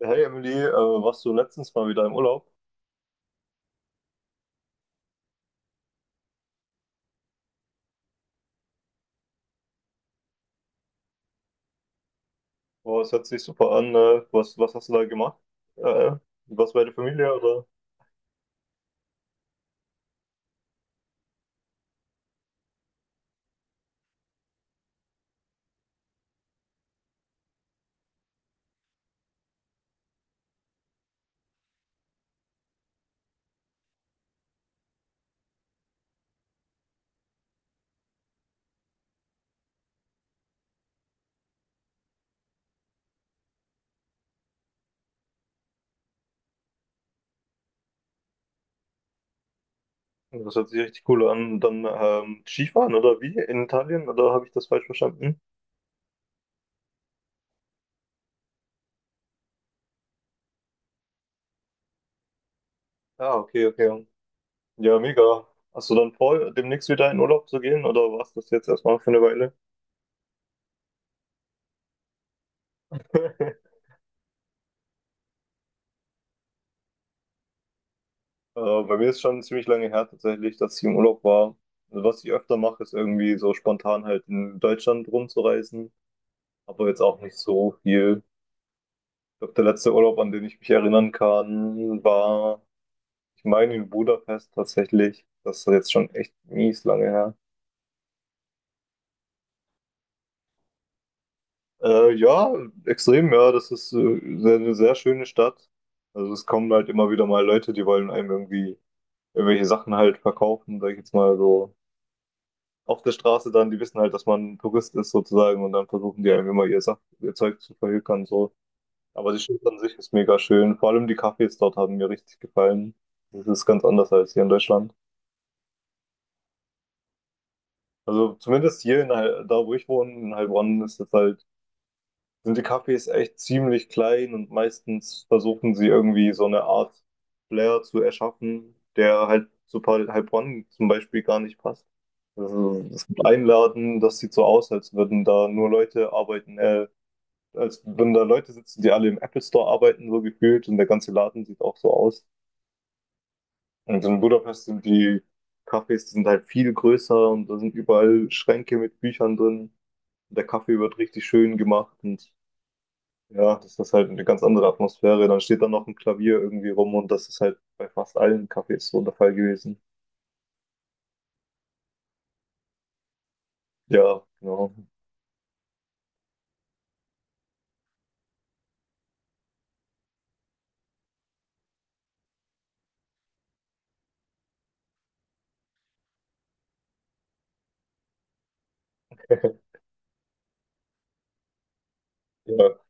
Hey Emily, warst du letztens mal wieder im Urlaub? Boah, es hört sich super an. Was, was hast du da gemacht? Äh, was bei der Familie oder? Das hört sich richtig cool an. Dann Skifahren oder wie? In Italien oder habe ich das falsch verstanden? Ja, okay, okay. Ja, mega. Hast du dann vor, demnächst wieder in Urlaub zu gehen oder warst das jetzt erstmal für eine Weile? Bei mir ist schon ziemlich lange her tatsächlich, dass ich im Urlaub war. Also was ich öfter mache, ist irgendwie so spontan halt in Deutschland rumzureisen, aber jetzt auch nicht so viel. Glaube, der letzte Urlaub, an den ich mich erinnern kann, war, ich meine, in Budapest tatsächlich. Das ist jetzt schon echt mies lange her. Ja, extrem, ja. Das ist eine sehr schöne Stadt. Also es kommen halt immer wieder mal Leute, die wollen einem irgendwie irgendwelche Sachen halt verkaufen, sag ich jetzt mal so. Auf der Straße dann, die wissen halt, dass man Tourist ist sozusagen und dann versuchen die einem immer ihr Zeug zu verhökern so. Aber die Stadt an sich ist mega schön. Vor allem die Cafés dort haben mir richtig gefallen. Das ist ganz anders als hier in Deutschland. Also zumindest da, wo ich wohne, in Heilbronn, ist es halt, sind die Cafés echt ziemlich klein und meistens versuchen sie irgendwie so eine Art Flair zu erschaffen, der halt Heilbronn zum Beispiel gar nicht passt. Also, es gibt einen Laden, das sieht so aus, als würden da Leute sitzen, die alle im Apple Store arbeiten, so gefühlt, und der ganze Laden sieht auch so aus. Und in Budapest sind die Cafés, die sind halt viel größer und da sind überall Schränke mit Büchern drin. Der Kaffee wird richtig schön gemacht und ja, das ist halt eine ganz andere Atmosphäre. Dann steht da noch ein Klavier irgendwie rum und das ist halt bei fast allen Cafés so der Fall gewesen. Ja, genau. Ja.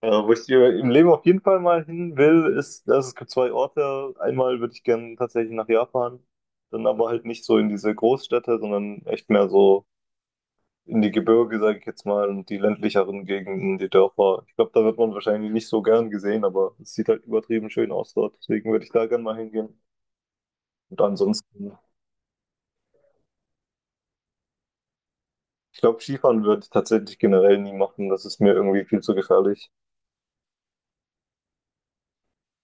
Wo ich dir im Leben auf jeden Fall mal hin will, ist, dass es gibt zwei Orte. Einmal würde ich gerne tatsächlich nach Japan, dann aber halt nicht so in diese Großstädte, sondern echt mehr so in die Gebirge, sage ich jetzt mal, und die ländlicheren Gegenden, die Dörfer. Ich glaube, da wird man wahrscheinlich nicht so gern gesehen, aber es sieht halt übertrieben schön aus dort. Deswegen würde ich da gern mal hingehen. Und ansonsten, ich glaube, Skifahren würde ich tatsächlich generell nie machen. Das ist mir irgendwie viel zu gefährlich.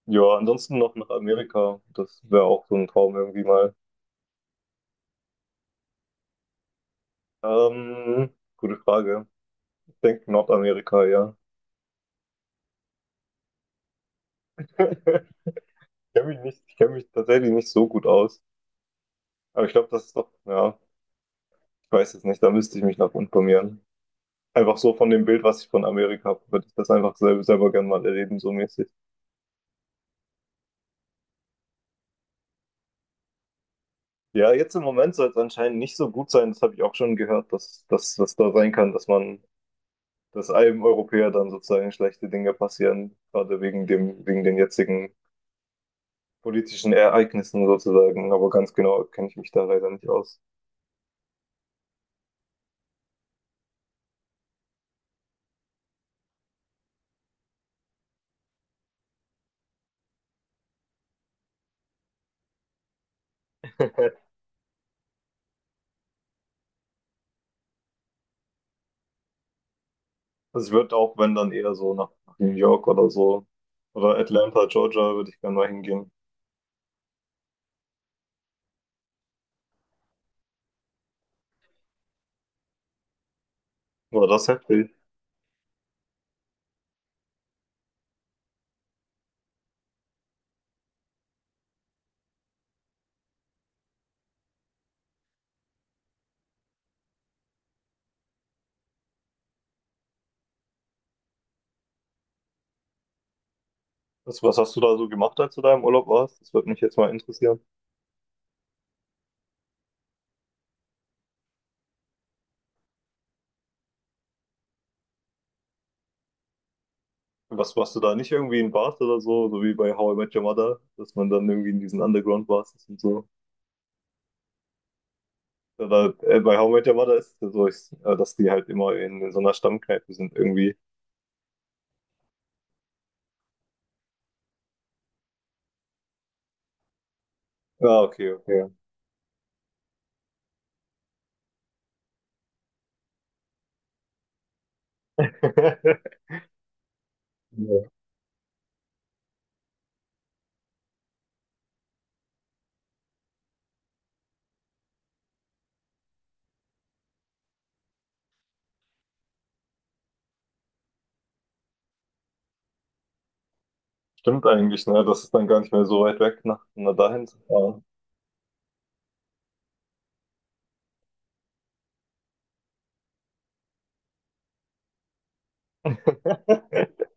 Ja, ansonsten noch nach Amerika. Das wäre auch so ein Traum irgendwie mal. Ähm, Gute Frage. Ich denke Nordamerika, ja. Ich kenne mich tatsächlich nicht so gut aus. Aber ich glaube, das ist doch, ja, ich weiß es nicht, da müsste ich mich noch informieren. Einfach so von dem Bild, was ich von Amerika habe, würde ich das einfach selber gerne mal erleben, so mäßig. Ja, jetzt im Moment soll es anscheinend nicht so gut sein. Das habe ich auch schon gehört, dass das da sein kann, dass man, dass einem Europäer dann sozusagen schlechte Dinge passieren, gerade wegen den jetzigen politischen Ereignissen sozusagen. Aber ganz genau kenne ich mich da leider nicht aus. Also ich würde auch, wenn dann eher so nach New York oder so oder Atlanta, Georgia, würde ich gerne mal hingehen. War das heftig? Was hast du da so gemacht, als du da im Urlaub warst? Das würde mich jetzt mal interessieren. Was warst du da nicht irgendwie in Bars oder so, so wie bei How I Met Your Mother, dass man dann irgendwie in diesen Underground-Bars ist und so? Bei How I Met Your Mother ist es ja so, dass die halt in so einer Stammkneipe sind irgendwie. Ah, okay, okay. Ja. Stimmt eigentlich, ne? Das ist dann gar nicht mehr so weit weg, nach dahin zu fahren.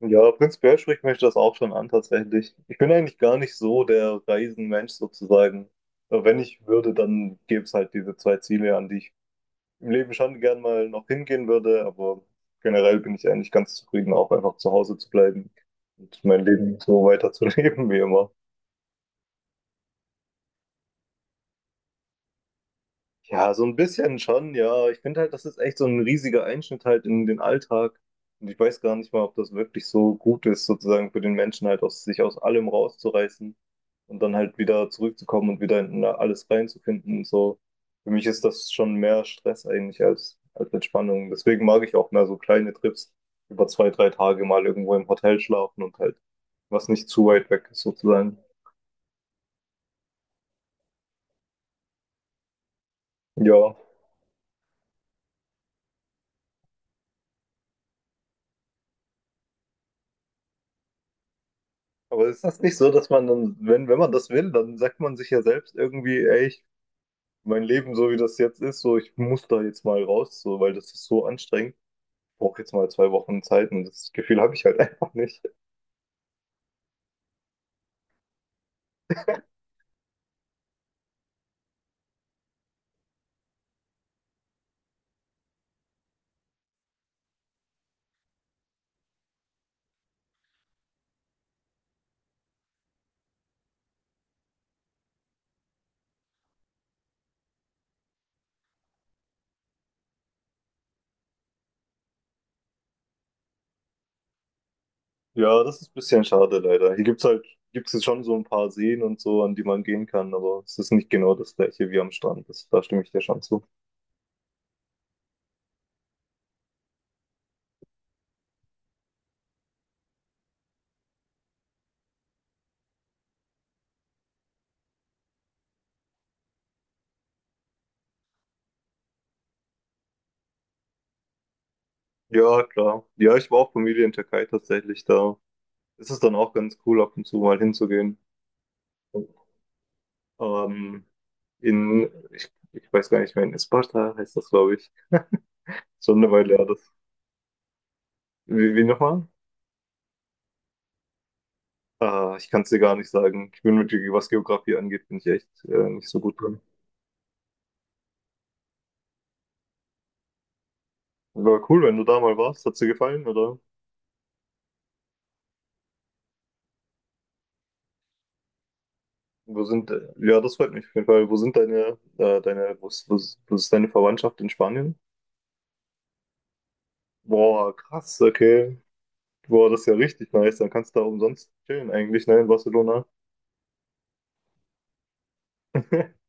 Ja, prinzipiell spricht mich das auch schon an, tatsächlich. Ich bin eigentlich gar nicht so der Reisenmensch sozusagen. Aber wenn ich würde, dann gäbe es halt diese zwei Ziele, an die ich im Leben schon gern mal noch hingehen würde, aber generell bin ich eigentlich ganz zufrieden, auch einfach zu Hause zu bleiben und mein Leben so weiterzuleben wie immer. Ja, so ein bisschen schon, ja. Ich finde halt, das ist echt so ein riesiger Einschnitt halt in den Alltag. Und ich weiß gar nicht mal, ob das wirklich so gut ist, sozusagen für den Menschen halt aus sich aus allem rauszureißen und dann halt wieder zurückzukommen und wieder in alles reinzufinden und so. Für mich ist das schon mehr Stress eigentlich als Entspannung. Deswegen mag ich auch mehr so kleine Trips über zwei, drei Tage mal irgendwo im Hotel schlafen und halt was nicht zu weit weg ist sozusagen. Ja. Aber ist das nicht so, dass man dann, wenn man das will, dann sagt man sich ja selbst irgendwie, ey, ich, mein Leben so wie das jetzt ist, so ich muss da jetzt mal raus, so, weil das ist so anstrengend. Ich brauche jetzt mal zwei Wochen Zeit und das Gefühl habe ich halt einfach nicht. Ja, das ist ein bisschen schade leider. Gibt's jetzt schon so ein paar Seen und so, an die man gehen kann, aber es ist nicht genau das gleiche wie am Strand. Das, da stimme ich dir schon zu. Ja, klar. Ja, ich war auch Familie in Türkei tatsächlich da. Es ist dann auch ganz cool, ab und zu mal hinzugehen. Ähm, ich weiß gar nicht mehr, in Esparta heißt das, glaube ich. Schon eine Weile her. Das, wie nochmal? Ah, ich kann es dir gar nicht sagen. Ich bin mit, Ge- was Geografie angeht, bin ich echt nicht so gut drin. Aber cool, wenn du da mal warst. Hat's dir gefallen, oder? Das freut mich auf jeden Fall. Wo sind deine, deine, wo ist deine Verwandtschaft in Spanien? Boah, krass, okay. Boah, das ist ja richtig nice. Dann kannst du da umsonst chillen eigentlich, ne, in Barcelona.